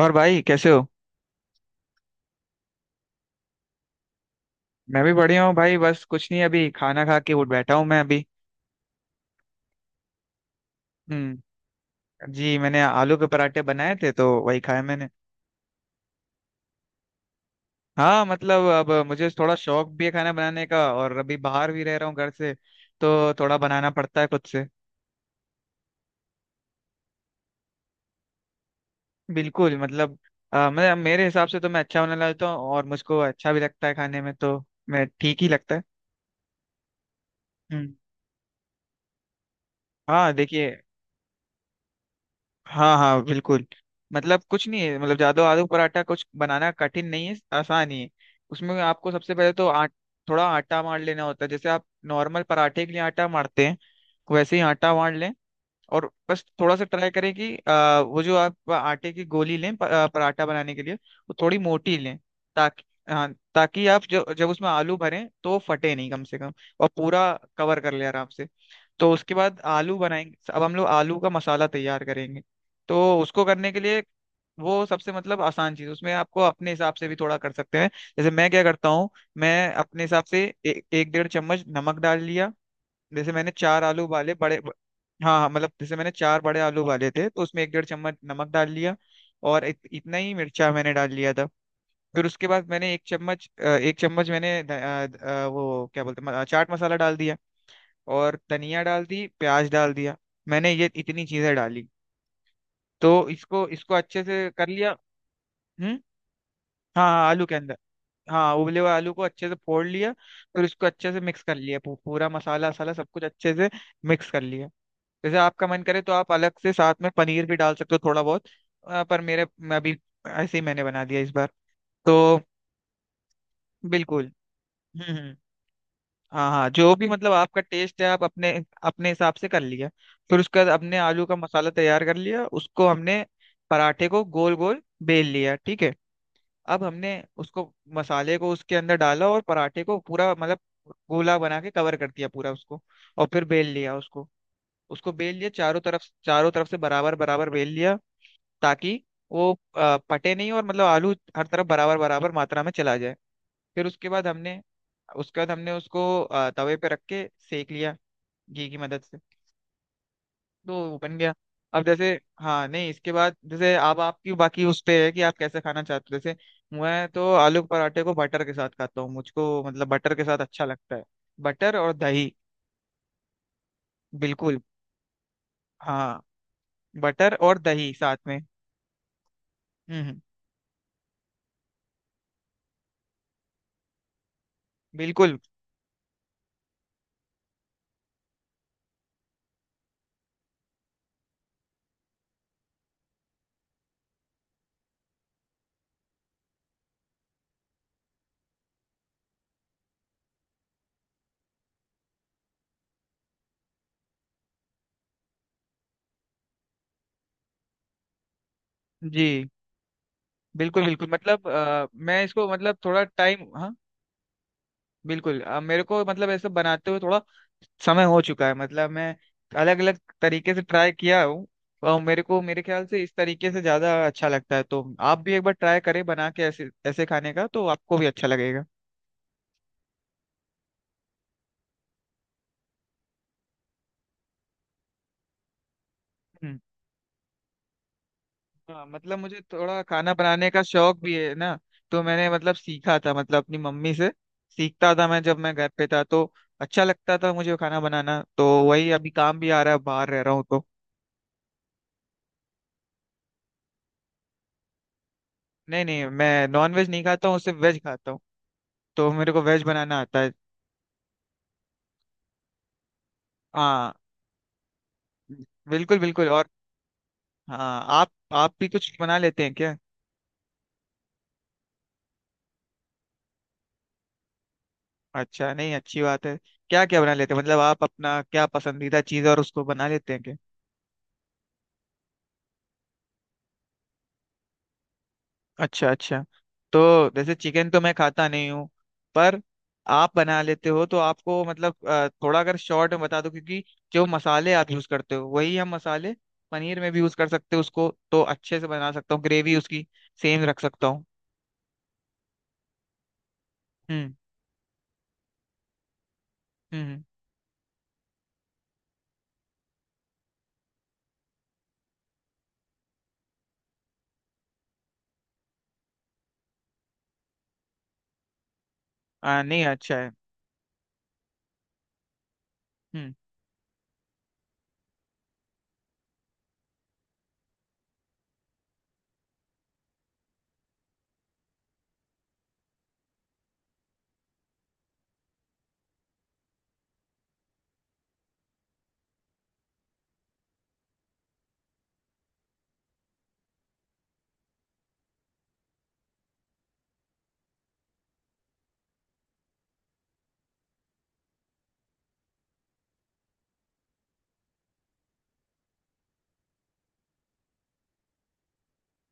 और भाई कैसे हो। मैं भी बढ़िया हूँ भाई। बस कुछ नहीं, अभी खाना खा के उठ बैठा हूँ मैं अभी। हम्म। जी, मैंने आलू के पराठे बनाए थे तो वही खाए मैंने। हाँ मतलब अब मुझे थोड़ा शौक भी है खाना बनाने का, और अभी बाहर भी रह रहा हूँ घर से, तो थोड़ा बनाना पड़ता है खुद से। बिल्कुल। मतलब मैं, मेरे हिसाब से तो मैं अच्छा बनाने लगता हूँ और मुझको अच्छा भी लगता है खाने में, तो मैं ठीक ही लगता है। हम्म। हाँ देखिए। हाँ हाँ बिल्कुल। मतलब कुछ नहीं है, मतलब जादू, आलू पराठा कुछ बनाना कठिन नहीं है, आसान ही है। उसमें आपको सबसे पहले तो आट थोड़ा आटा मार लेना होता है, जैसे आप नॉर्मल पराठे के लिए आटा मारते हैं वैसे ही आटा मार लें। और बस थोड़ा सा ट्राई करें कि वो जो आप आटे की गोली लें पराठा बनाने के लिए वो थोड़ी मोटी लें। ताकि हाँ, ताकि आप जब जब उसमें आलू भरें तो वो फटे नहीं कम से कम, और पूरा कवर कर ले आराम से। तो उसके बाद आलू बनाएंगे, अब हम लोग आलू का मसाला तैयार करेंगे। तो उसको करने के लिए वो सबसे मतलब आसान चीज, उसमें आपको अपने हिसाब से भी थोड़ा कर सकते हैं। जैसे मैं क्या करता हूँ, मैं अपने हिसाब से एक डेढ़ चम्मच नमक डाल लिया। जैसे मैंने चार आलू उबाले बड़े हाँ हाँ, मतलब जैसे मैंने चार बड़े आलू उबाले थे तो उसमें एक डेढ़ चम्मच नमक डाल लिया। और इतना ही मिर्चा मैंने डाल लिया था। फिर उसके बाद मैंने एक चम्मच एक चम्मच मैंने वो क्या बोलते हैं, चाट मसाला डाल दिया। और धनिया डाल दी, प्याज डाल दिया। मैंने ये इतनी चीजें डाली। तो इसको इसको अच्छे से कर लिया। हम्म। हाँ हाँ, आलू के अंदर। हाँ, उबले हुए आलू को अच्छे से फोड़ लिया, फिर उसको अच्छे से मिक्स कर लिया, पूरा मसाला वसाला सब कुछ अच्छे से मिक्स कर लिया। जैसे आपका मन करे तो आप अलग से साथ में पनीर भी डाल सकते हो थोड़ा बहुत। पर मेरे मैं अभी ऐसे ही मैंने बना दिया इस बार। तो बिल्कुल। हम्म। हाँ हाँ, जो भी मतलब आपका टेस्ट है, आप अपने अपने हिसाब से कर लिया। फिर उसके बाद हमने आलू का मसाला तैयार कर लिया, उसको हमने पराठे को गोल गोल बेल लिया, ठीक है। अब हमने उसको, मसाले को उसके अंदर डाला, और पराठे को पूरा मतलब गोला बना के कवर कर दिया पूरा उसको, और फिर बेल लिया उसको। उसको बेल लिया चारों तरफ, चारों तरफ से बराबर बराबर बेल लिया। ताकि वो फटे नहीं और मतलब आलू हर तरफ बराबर बराबर मात्रा में चला जाए। फिर उसके बाद हमने उसको तवे पे रख के सेक लिया, घी की मदद से। तो वो बन गया। अब जैसे, हाँ नहीं, इसके बाद जैसे अब आपकी बाकी उस पे है कि आप कैसे खाना चाहते हो। जैसे मैं तो आलू के पराठे को बटर के साथ खाता हूँ, मुझको मतलब बटर के साथ अच्छा लगता है। बटर और दही। बिल्कुल। हाँ, बटर और दही साथ में। हम्म। बिल्कुल। जी बिल्कुल बिल्कुल। मतलब मैं इसको मतलब थोड़ा टाइम, हाँ बिल्कुल। मेरे को मतलब ऐसा बनाते हुए थोड़ा समय हो चुका है, मतलब मैं अलग अलग तरीके से ट्राई किया हूँ। और मेरे को मेरे ख्याल से इस तरीके से ज्यादा अच्छा लगता है, तो आप भी एक बार ट्राई करें बना के ऐसे, ऐसे खाने का तो आपको भी अच्छा लगेगा। हम्म। हाँ मतलब मुझे थोड़ा खाना बनाने का शौक भी है ना, तो मैंने मतलब सीखा था, मतलब अपनी मम्मी से सीखता था मैं, जब मैं घर पे था तो अच्छा लगता था मुझे खाना बनाना, तो वही अभी काम भी आ रहा है, बाहर रह रहा हूँ तो। नहीं नहीं, मैं नॉन वेज नहीं खाता हूँ, सिर्फ वेज खाता हूँ, तो मेरे को वेज बनाना आता है। हाँ बिल्कुल बिल्कुल। और हाँ, आप भी कुछ बना लेते हैं क्या। अच्छा, नहीं अच्छी बात है। क्या क्या बना लेते हैं, मतलब आप अपना क्या पसंदीदा चीज़ है और उसको बना लेते हैं। अच्छा अच्छा। तो जैसे चिकन तो मैं खाता नहीं हूँ, पर आप बना लेते हो तो आपको मतलब थोड़ा अगर शॉर्ट में बता दो, क्योंकि जो मसाले आप यूज करते हो वही हम मसाले पनीर में भी यूज कर सकते हो, उसको तो अच्छे से बना सकता हूँ, ग्रेवी उसकी सेम रख सकता हूँ। हम्म हम्म। हाँ नहीं अच्छा है। हम्म।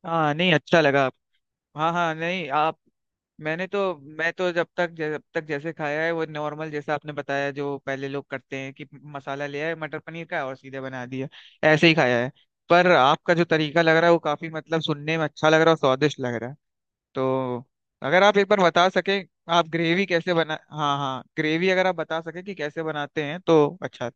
हाँ नहीं अच्छा लगा। हाँ हाँ, नहीं आप, मैंने तो, मैं तो जब तक जैसे खाया है वो नॉर्मल, जैसा आपने बताया जो पहले लोग करते हैं कि मसाला ले आए मटर पनीर का और सीधे बना दिया, ऐसे ही खाया है। पर आपका जो तरीका लग रहा है वो काफी मतलब सुनने में अच्छा लग रहा है और स्वादिष्ट लग रहा है। तो अगर आप एक बार बता सके, आप ग्रेवी कैसे बना, हाँ हाँ, ग्रेवी अगर आप बता सके कि कैसे बनाते हैं तो अच्छा।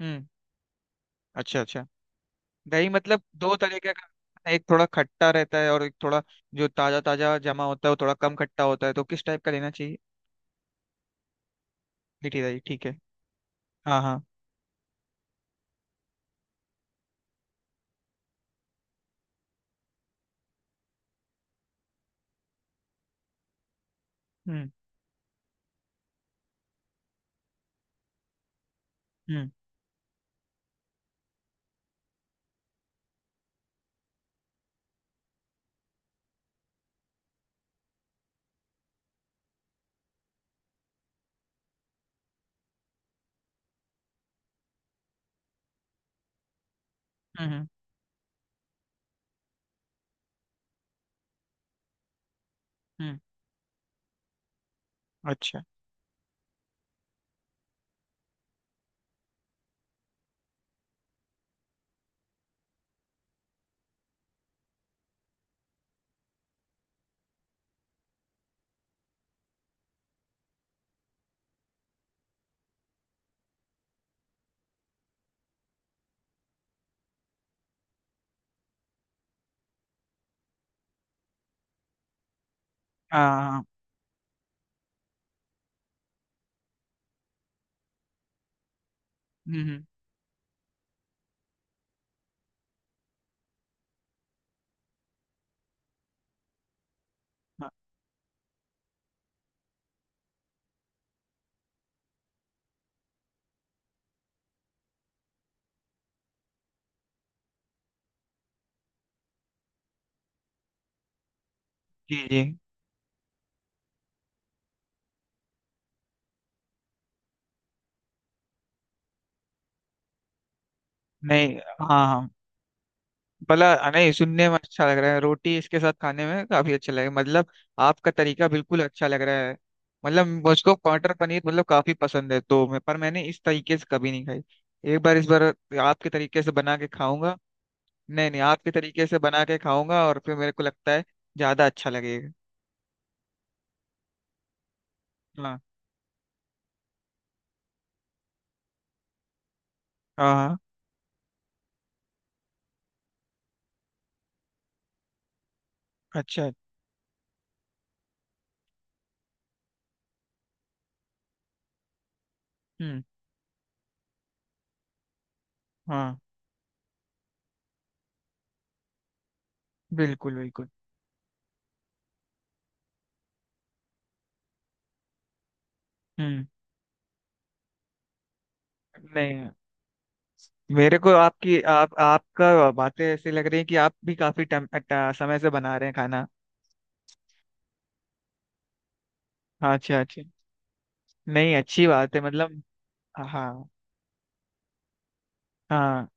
हम्म। अच्छा अच्छा। दही मतलब दो तरीके का, एक थोड़ा खट्टा रहता है और एक थोड़ा जो ताजा ताजा जमा होता है वो थोड़ा कम खट्टा होता है, तो किस टाइप का लेना चाहिए। मीठी दही ठीक है। हाँ हाँ। हम्म। हम्म। हम्म हम्म हम्म, अच्छा। हाँ हाँ, हम्म। हाँ, जी जी। नहीं, हाँ हाँ, भला, नहीं सुनने में अच्छा लग रहा है, रोटी इसके साथ खाने में काफी अच्छा लगेगा मतलब। आपका तरीका बिल्कुल अच्छा लग रहा है। मतलब मुझको मटर पनीर मतलब काफी पसंद है तो मैं, पर मैंने इस तरीके से कभी नहीं खाई। एक बार इस बार आपके तरीके से बना के खाऊंगा। नहीं नहीं, आपके तरीके से बना के खाऊंगा और फिर मेरे को लगता है ज्यादा अच्छा लगेगा। हाँ हाँ। हाँ, अच्छा। हम्म। हाँ बिल्कुल बिल्कुल। हम्म। नहीं, मेरे को आपकी, आप आपका बातें ऐसी लग रही है कि आप भी काफी टाइम, समय से बना रहे हैं खाना। अच्छा अच्छा। नहीं अच्छी बात है मतलब। हाँ हाँ।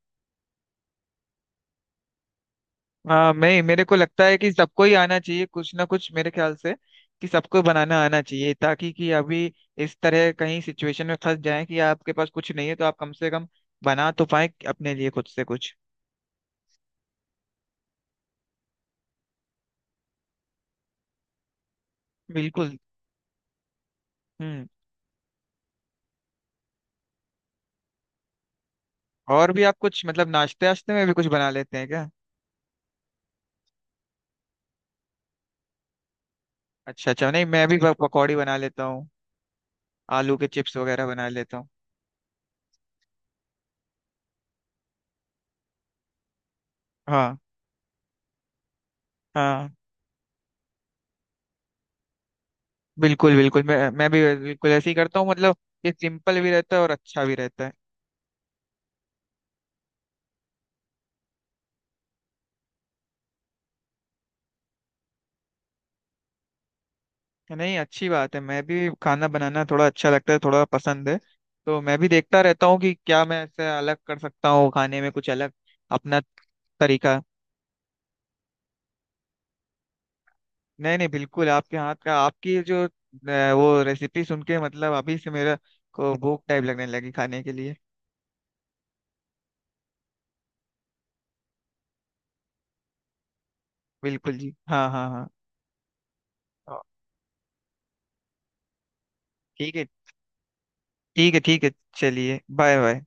हाँ मैं, मेरे को लगता है कि सबको ही आना चाहिए कुछ ना कुछ, मेरे ख्याल से कि सबको बनाना आना चाहिए, ताकि कि अभी इस तरह कहीं सिचुएशन में फंस जाए कि आपके पास कुछ नहीं है तो आप कम से कम बना तो पाए अपने लिए खुद से कुछ। बिल्कुल। हम्म। और भी आप कुछ मतलब नाश्ते वाश्ते में भी कुछ बना लेते हैं क्या। अच्छा अच्छा, नहीं मैं भी पकौड़ी बना लेता हूँ, आलू के चिप्स वगैरह बना लेता हूँ। हाँ। हाँ बिल्कुल बिल्कुल, मैं भी बिल्कुल ऐसे ही करता हूँ मतलब। ये सिंपल भी रहता है और अच्छा भी रहता है। नहीं अच्छी बात है, मैं भी खाना बनाना थोड़ा अच्छा लगता है, थोड़ा पसंद है। तो मैं भी देखता रहता हूँ कि क्या मैं ऐसे अलग कर सकता हूँ खाने में कुछ अलग। अपना तरीका, नहीं नहीं बिल्कुल आपके हाथ का, आपकी जो वो रेसिपी सुन के मतलब अभी से मेरा को भूख टाइप लगने लगी खाने के लिए। बिल्कुल जी, हाँ हाँ। हाँ ठीक है। ठीक है ठीक है। चलिए बाय बाय।